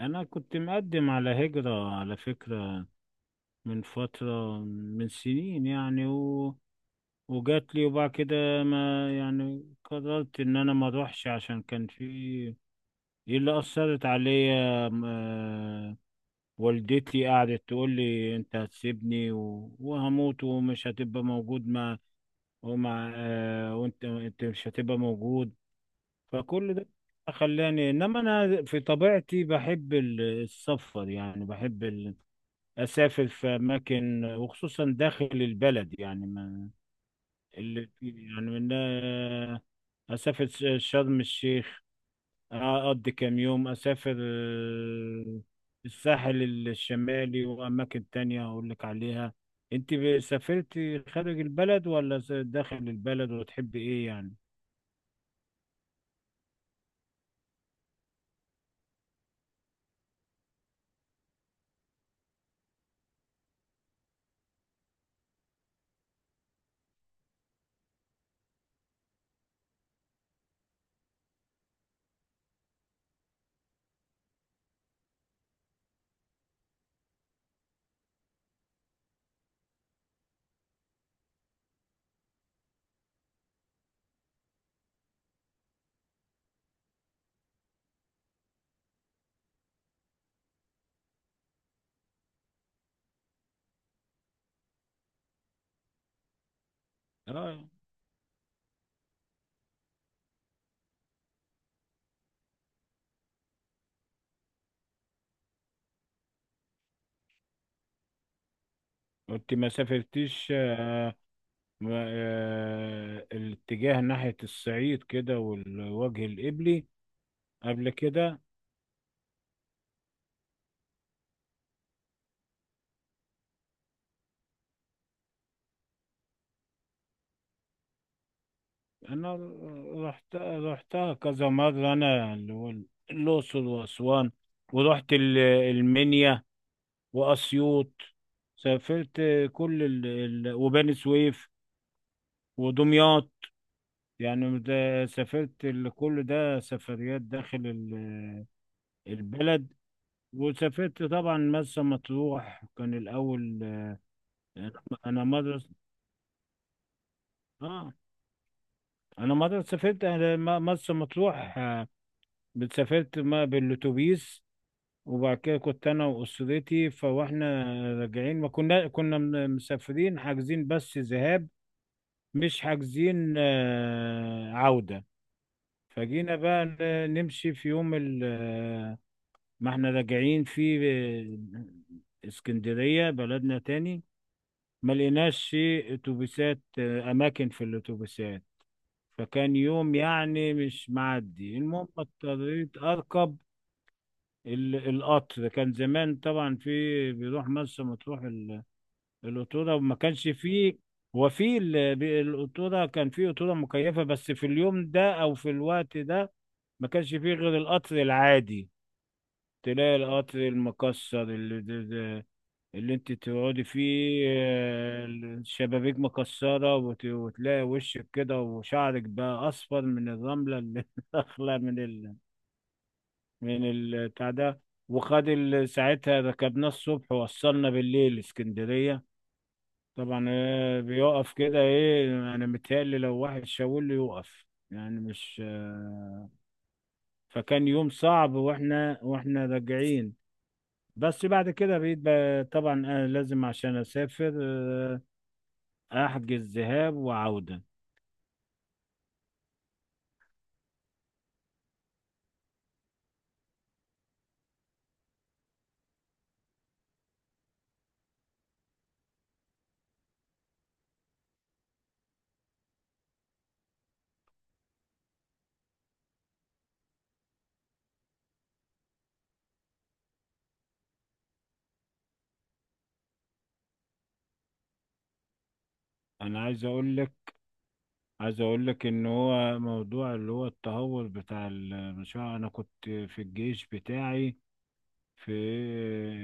انا كنت مقدم على هجرة على فكرة، من فترة، من سنين يعني وجات لي. وبعد كده ما يعني قررت ان انا ما اروحش، عشان كان في إيه اللي اثرت عليا والدتي قعدت تقول لي انت هتسيبني وهموت ومش هتبقى موجود مع ومع آه، وانت مش هتبقى موجود. فكل ده خلاني، انما انا في طبيعتي بحب السفر، يعني بحب اسافر في اماكن، وخصوصا داخل البلد. يعني ما اللي يعني من آه، اسافر شرم الشيخ، اقضي كام يوم، اسافر الساحل الشمالي واماكن تانية اقول لك عليها. انت سافرتي خارج البلد ولا داخل البلد، وتحبي ايه يعني؟ اه، انت ما سافرتيش الاتجاه ناحية الصعيد كده والوجه القبلي قبل كده؟ انا رحت رحتها كذا مره، انا اللي هو الاقصر واسوان، ورحت المنيا واسيوط، سافرت كل وبني سويف ودمياط، يعني ده سافرت كل ده سفريات داخل البلد. وسافرت طبعا مرسى مطروح كان الاول. انا أنا مره اه انا مره سافرت مرسى مطروح سافرت ما بالاتوبيس. وبعد كده كنت انا واسرتي، فاحنا راجعين، ما كنا مسافرين حاجزين بس ذهاب، مش حاجزين عودة. فجينا بقى نمشي في يوم ما احنا راجعين في اسكندرية بلدنا تاني. ما لقيناش في اتوبيسات، اماكن في الاتوبيسات، فكان يوم يعني مش معدي. المهم اضطريت اركب القطر. كان زمان طبعا في بيروح مرسى مطروح القطورة، وما كانش فيه. هو في القطورة كان في قطورة مكيفة، بس في اليوم ده أو في الوقت ده ما كانش فيه غير القطر العادي. تلاقي القطر المكسر اللي, ده ده اللي انت تقعدي فيه، الشبابيك مكسرة، وتلاقي وشك كده وشعرك بقى أصفر من الرملة اللي داخلة من من البتاع ده. وخد ساعتها ركبناه الصبح ووصلنا بالليل اسكندرية. طبعا بيقف كده ايه، انا متهيألي لو واحد شاور له يوقف، يعني مش فكان يوم صعب واحنا راجعين. بس بعد كده طبعا انا لازم عشان اسافر احجز ذهاب وعودة. انا عايز اقول لك، ان هو موضوع اللي هو التهور بتاع المشروع، انا كنت في الجيش بتاعي في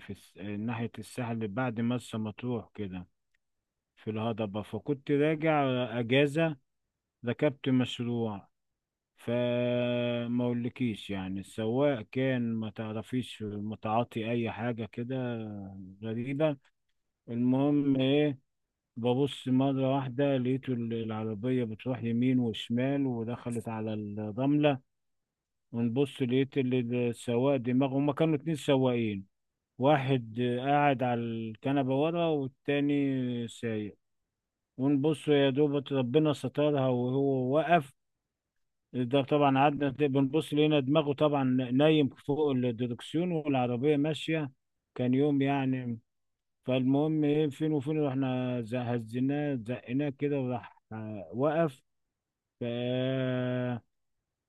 في الس- ناحية الساحل بعد مرسى مطروح كده، في الهضبة، فكنت راجع أجازة، ركبت مشروع. فما اقولكيش يعني، السواق كان ما تعرفيش متعاطي اي حاجة كده، غريبة. المهم ايه، ببص مرة واحدة لقيت العربية بتروح يمين وشمال ودخلت على الرملة، ونبص لقيت السواق دماغه، هما كانوا اتنين سواقين، واحد قاعد على الكنبة ورا والتاني سايق. ونبص يا دوبة ربنا سترها وهو وقف. ده طبعا قعدنا بنبص لقينا دماغه طبعا نايم فوق الدركسيون والعربية ماشية. كان يوم يعني. فالمهم ايه، فين وفين رحنا هزيناه زقناه كده وراح وقف. ف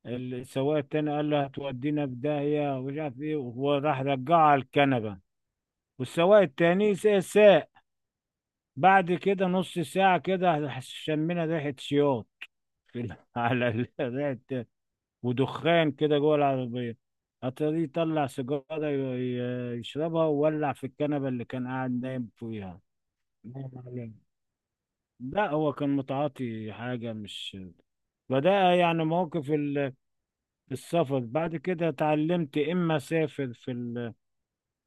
السواق التاني قال له هتودينا في داهية ومش عارف ايه، وهو راح رجعه على الكنبة، والسواق التاني ساق. بعد كده نص ساعة كده شمينا ريحة شياط في على ريحة ودخان كده جوه العربية. أتاري طلع سيجارة يشربها وولع في الكنبة اللي كان قاعد نايم فيها، نايم عليها. لا هو كان متعاطي حاجة مش. فده يعني موقف السفر. بعد كده اتعلمت إما أسافر في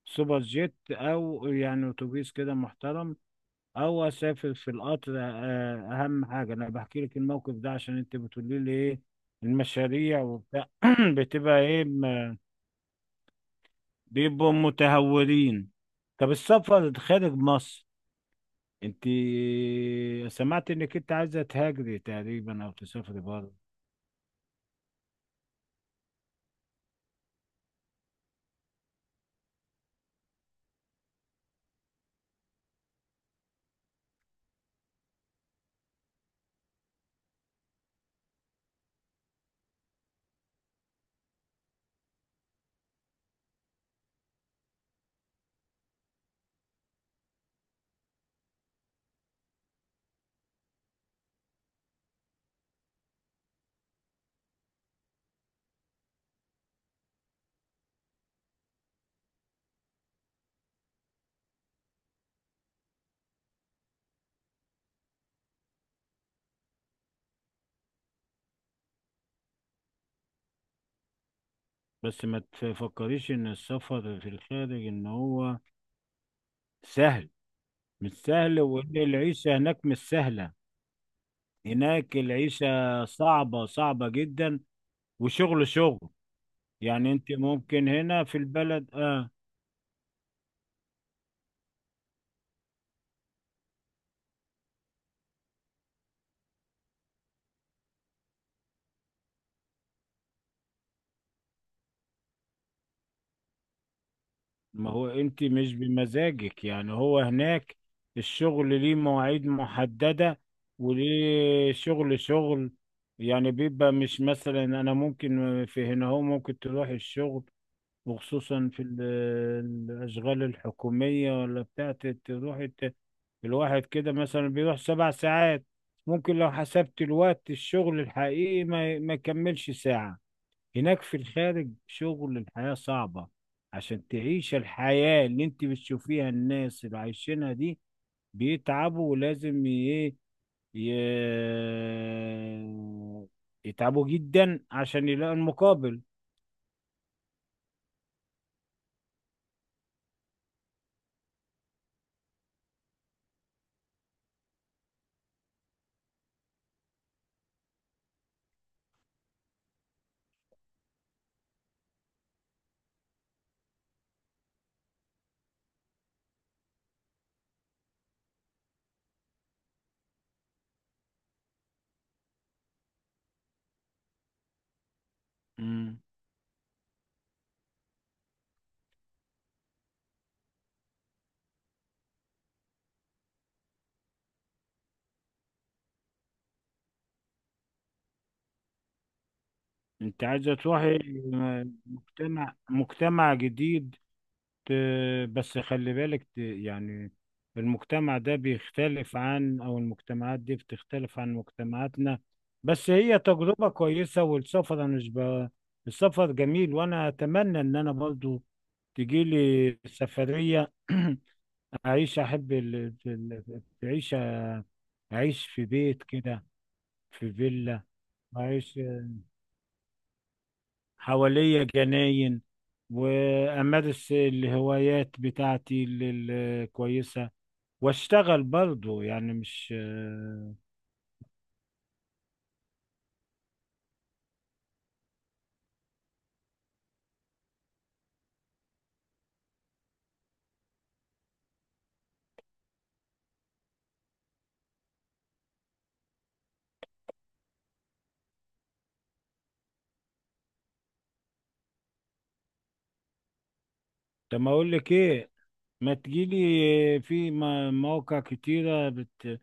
السوبر جيت، أو يعني أتوبيس كده محترم. هو سافر في القطر اهم حاجه انا بحكي لك الموقف ده عشان انت بتقولي لي ايه المشاريع وبتاع بتبقى ايه بيبقوا متهورين. طب السفر خارج مصر، انت سمعت انك انت عايزه تهاجري تقريبا او تسافري بره. بس ما تفكريش ان السفر في الخارج ان هو سهل، مش سهل، وان العيشه هناك مش سهله. هناك العيشه صعبه، صعبه جدا، وشغل. يعني انت ممكن هنا في البلد اه، ما هو انت مش بمزاجك. يعني هو هناك الشغل ليه مواعيد محددة، وليه شغل. يعني بيبقى مش مثلا انا ممكن في هنا، هو ممكن تروح الشغل وخصوصا في الاشغال الحكومية ولا بتاعت تروح الواحد كده مثلا بيروح سبع ساعات، ممكن لو حسبت الوقت الشغل الحقيقي ما يكملش ساعة. هناك في الخارج شغل، الحياة صعبة عشان تعيش الحياة اللي انت بتشوفيها، الناس اللي عايشينها دي بيتعبوا، ولازم ي- يتعبوا جدا عشان يلاقوا المقابل. مم. انت عايزة تروحي مجتمع جديد، ت- بس خلي بالك يعني المجتمع ده بيختلف عن، او المجتمعات دي بتختلف عن مجتمعاتنا. بس هي تجربة كويسة، والسفر انا مش السفر جميل، وانا اتمنى ان انا برضو تجي لي سفرية. اعيش، احب ال... ال- تعيش اعيش في بيت كده، في فيلا، اعيش حواليا جناين، وامارس الهوايات بتاعتي الكويسة، واشتغل برضه، يعني مش. طب ما اقول لك ايه، ما تجيلي في مواقع كتيرة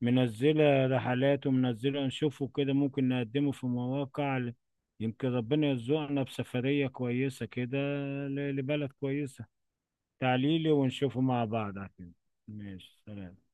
منزلة رحلات ومنزلة، نشوفه كده ممكن نقدمه في مواقع يمكن ربنا يرزقنا بسفرية كويسة كده، لبلد كويسة. تعاليلي ونشوفه مع بعض على كده. ماشي، سلام.